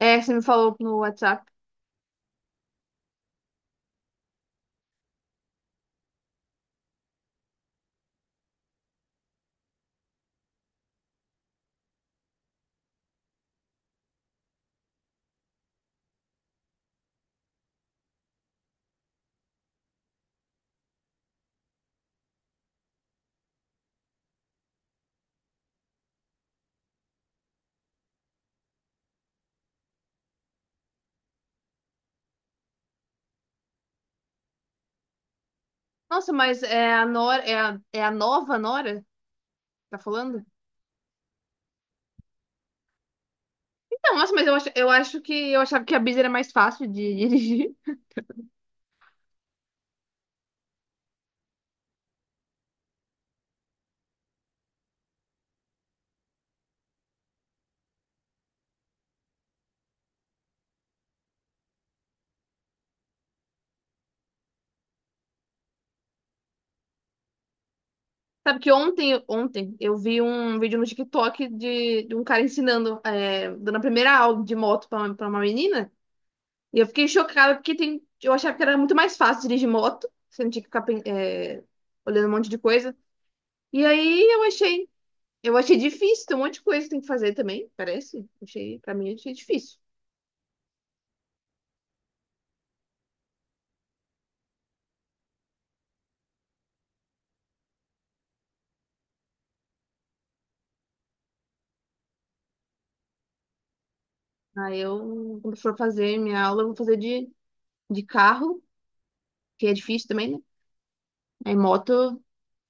É, você me falou no WhatsApp. Nossa, mas é a Nora, é a nova Nora? Que tá falando? Então, nossa, mas eu acho que eu achava que a Biz era mais fácil de dirigir. Sabe que ontem eu vi um vídeo no TikTok de um cara ensinando, dando a primeira aula de moto pra, pra uma menina. E eu fiquei chocada porque tem, eu achava que era muito mais fácil dirigir moto. Você não tinha que ficar, olhando um monte de coisa. E aí eu eu achei difícil, tem um monte de coisa que tem que fazer também, parece. Achei, pra mim, achei difícil. Aí eu, quando for fazer minha aula, eu vou fazer de carro, que é difícil também, né? Aí moto,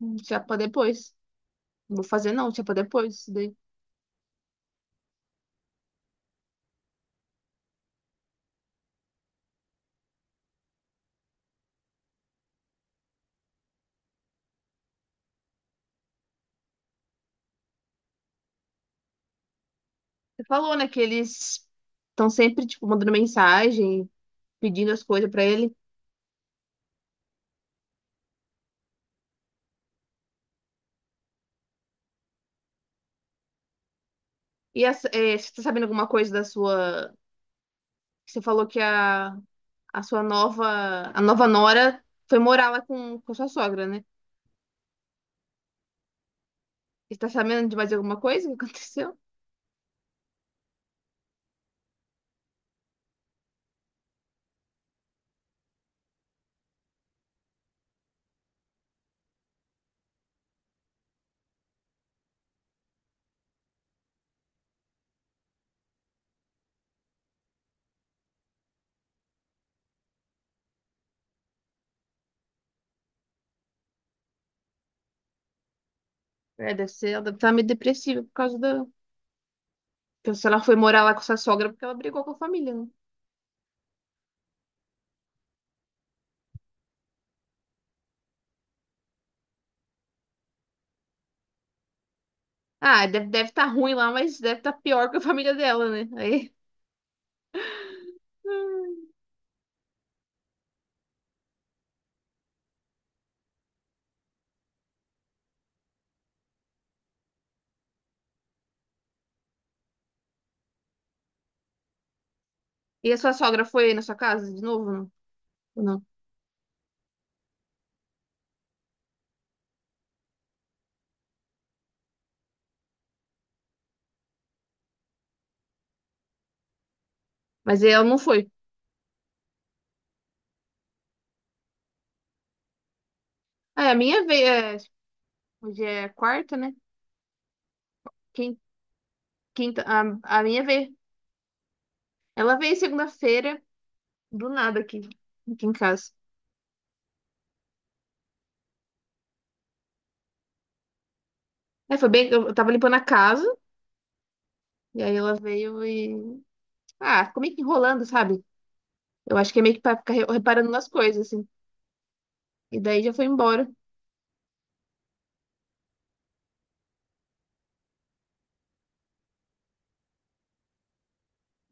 se é pra depois. Não vou fazer não, se é pra depois. Isso daí. Você falou, né, que eles estão sempre, tipo, mandando mensagem, pedindo as coisas pra ele. E você tá sabendo alguma coisa da sua... Você falou que a sua nova... A nova nora foi morar lá com a sua sogra, né? Você tá sabendo de mais alguma coisa que aconteceu? É, deve ser, ela deve estar meio depressiva por causa da. Então, se ela foi morar lá com sua sogra porque ela brigou com a família, né? Ah, deve tá ruim lá, mas deve estar pior que a família dela, né? Aí. Hum. E a sua sogra foi na sua casa de novo? Não. Ou não? Mas ela não foi. Ah, é, a minha veio. Hoje é quarta, né? Quin- Quinta. A minha veio. Ela veio segunda-feira, do nada aqui, aqui em casa. É, foi bem. Eu tava limpando a casa, e aí ela veio e. Ah, ficou meio que enrolando, sabe? Eu acho que é meio que pra ficar reparando nas coisas, assim. E daí já foi embora.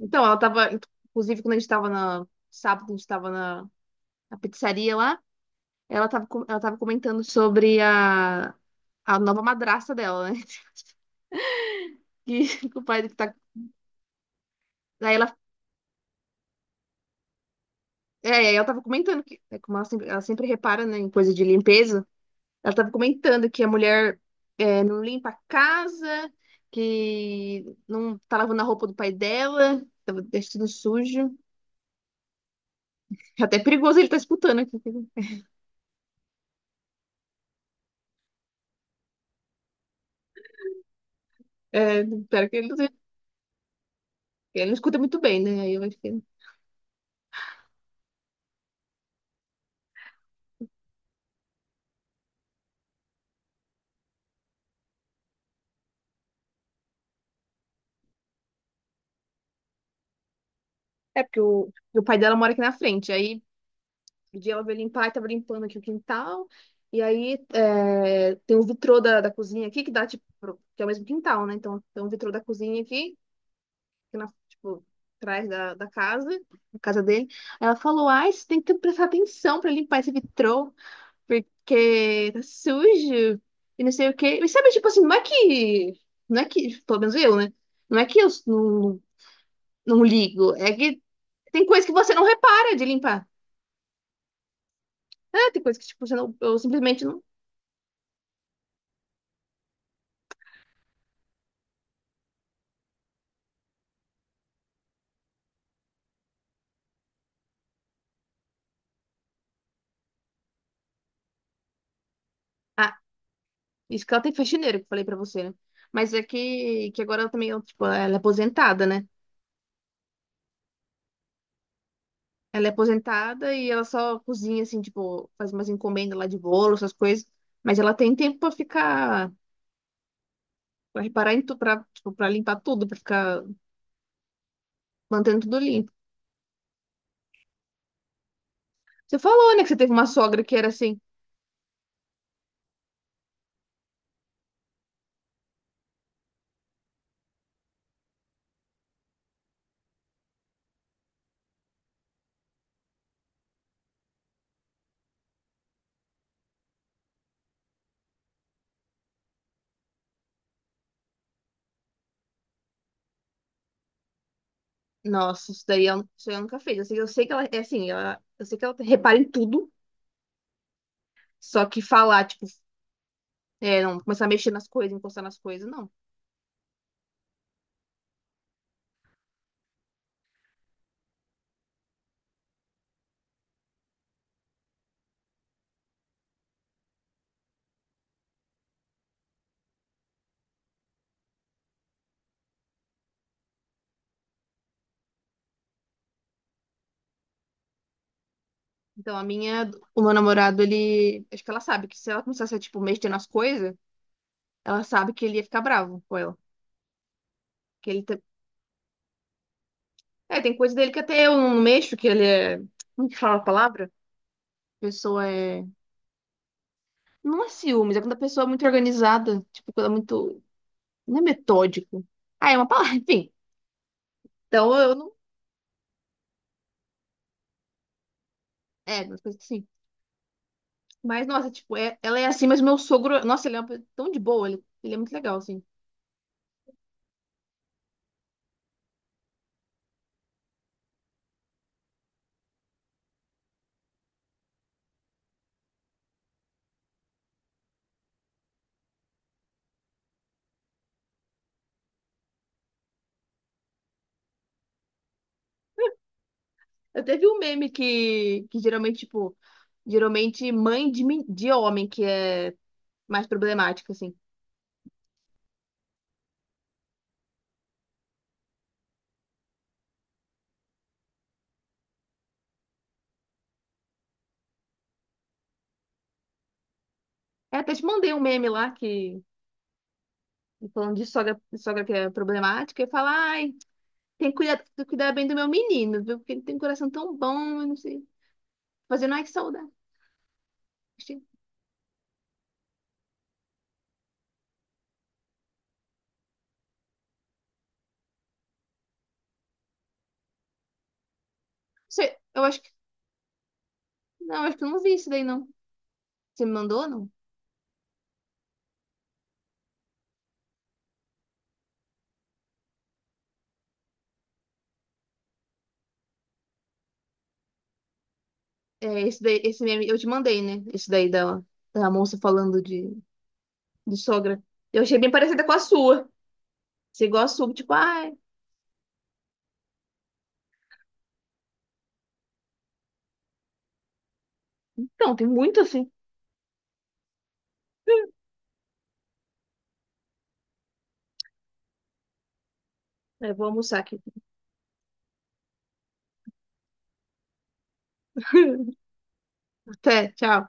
Então, ela tava, inclusive, quando a gente tava na, sábado, a gente tava na pizzaria lá, ela tava, ela tava comentando sobre a nova madrasta dela, né? Que o pai que tá. Aí aí ela tava comentando que, é, como ela sempre repara, né, em coisa de limpeza, ela tava comentando que a mulher não limpa a casa, que não tá lavando a roupa do pai dela, tava deixando sujo. É até perigoso ele tá escutando aqui. É, espero que ele não escuta muito bem, né? Aí eu acho que. É, porque o pai dela mora aqui na frente. Aí, um dia ela veio limpar e tava limpando aqui o quintal. E aí, é, tem um vitrô da cozinha aqui que dá, tipo, que é o mesmo quintal, né? Então, tem um vitrô da cozinha aqui, que na, tipo, atrás da casa dele. Aí ela falou, ai, você tem que prestar atenção pra limpar esse vitrô, porque tá sujo e não sei o quê. E sabe, tipo assim, não é que... Não é que, pelo menos eu, né? Não é que eu não, não ligo, é que tem coisa que você não repara de limpar. É, tem coisa que, tipo, você não, eu simplesmente não. Ah, isso que ela tem faxineira, que eu falei pra você, né? Mas é que agora ela também, ó, tipo, ela é aposentada, né? Ela é aposentada e ela só cozinha, assim, tipo, faz umas encomendas lá de bolo, essas coisas. Mas ela tem tempo pra ficar, pra reparar em tudo, pra, tipo, pra limpar tudo, pra ficar mantendo tudo limpo. Você falou, né, que você teve uma sogra que era assim. Nossa, isso daí eu nunca fiz. Eu eu sei que ela é assim, ela, eu sei que ela repara em tudo, só que falar, tipo, não começar a mexer nas coisas, encostar nas coisas, não. Então, a minha, o meu namorado, ele. Acho que ela sabe que se ela começasse a, tipo, mexer nas coisas, ela sabe que ele ia ficar bravo com ela. Que ele te- É, tem coisa dele que até eu não mexo, que ele é. Como que fala a palavra? A pessoa é. Não é ciúmes, é quando a pessoa é muito organizada. Tipo, quando é muito. Não é metódico. Ah, é uma palavra, enfim. Então eu não. É, umas coisas assim. Mas, nossa, tipo, é... ela é assim, mas meu sogro. Nossa, ele é uma... pessoa tão de boa, ele... ele é muito legal, assim. Eu teve um meme que geralmente, tipo, geralmente mãe de, de homem que é mais problemático, assim. Eu até te mandei um meme lá que, falando de sogra que é problemática, e fala, ai, tem que cuidar bem do meu menino, viu? Porque ele tem um coração tão bom, eu não sei. Fazendo, ai, que saudade. Eu acho que, não, acho que eu não vi isso daí, não. Você me mandou, não? É, esse daí, esse meme, eu te mandei, né? Esse daí da moça falando de sogra. Eu achei bem parecida com a sua. Você igual a sua, tipo, ah. Então, tem muito assim. Eu vou almoçar aqui. Até, tchau.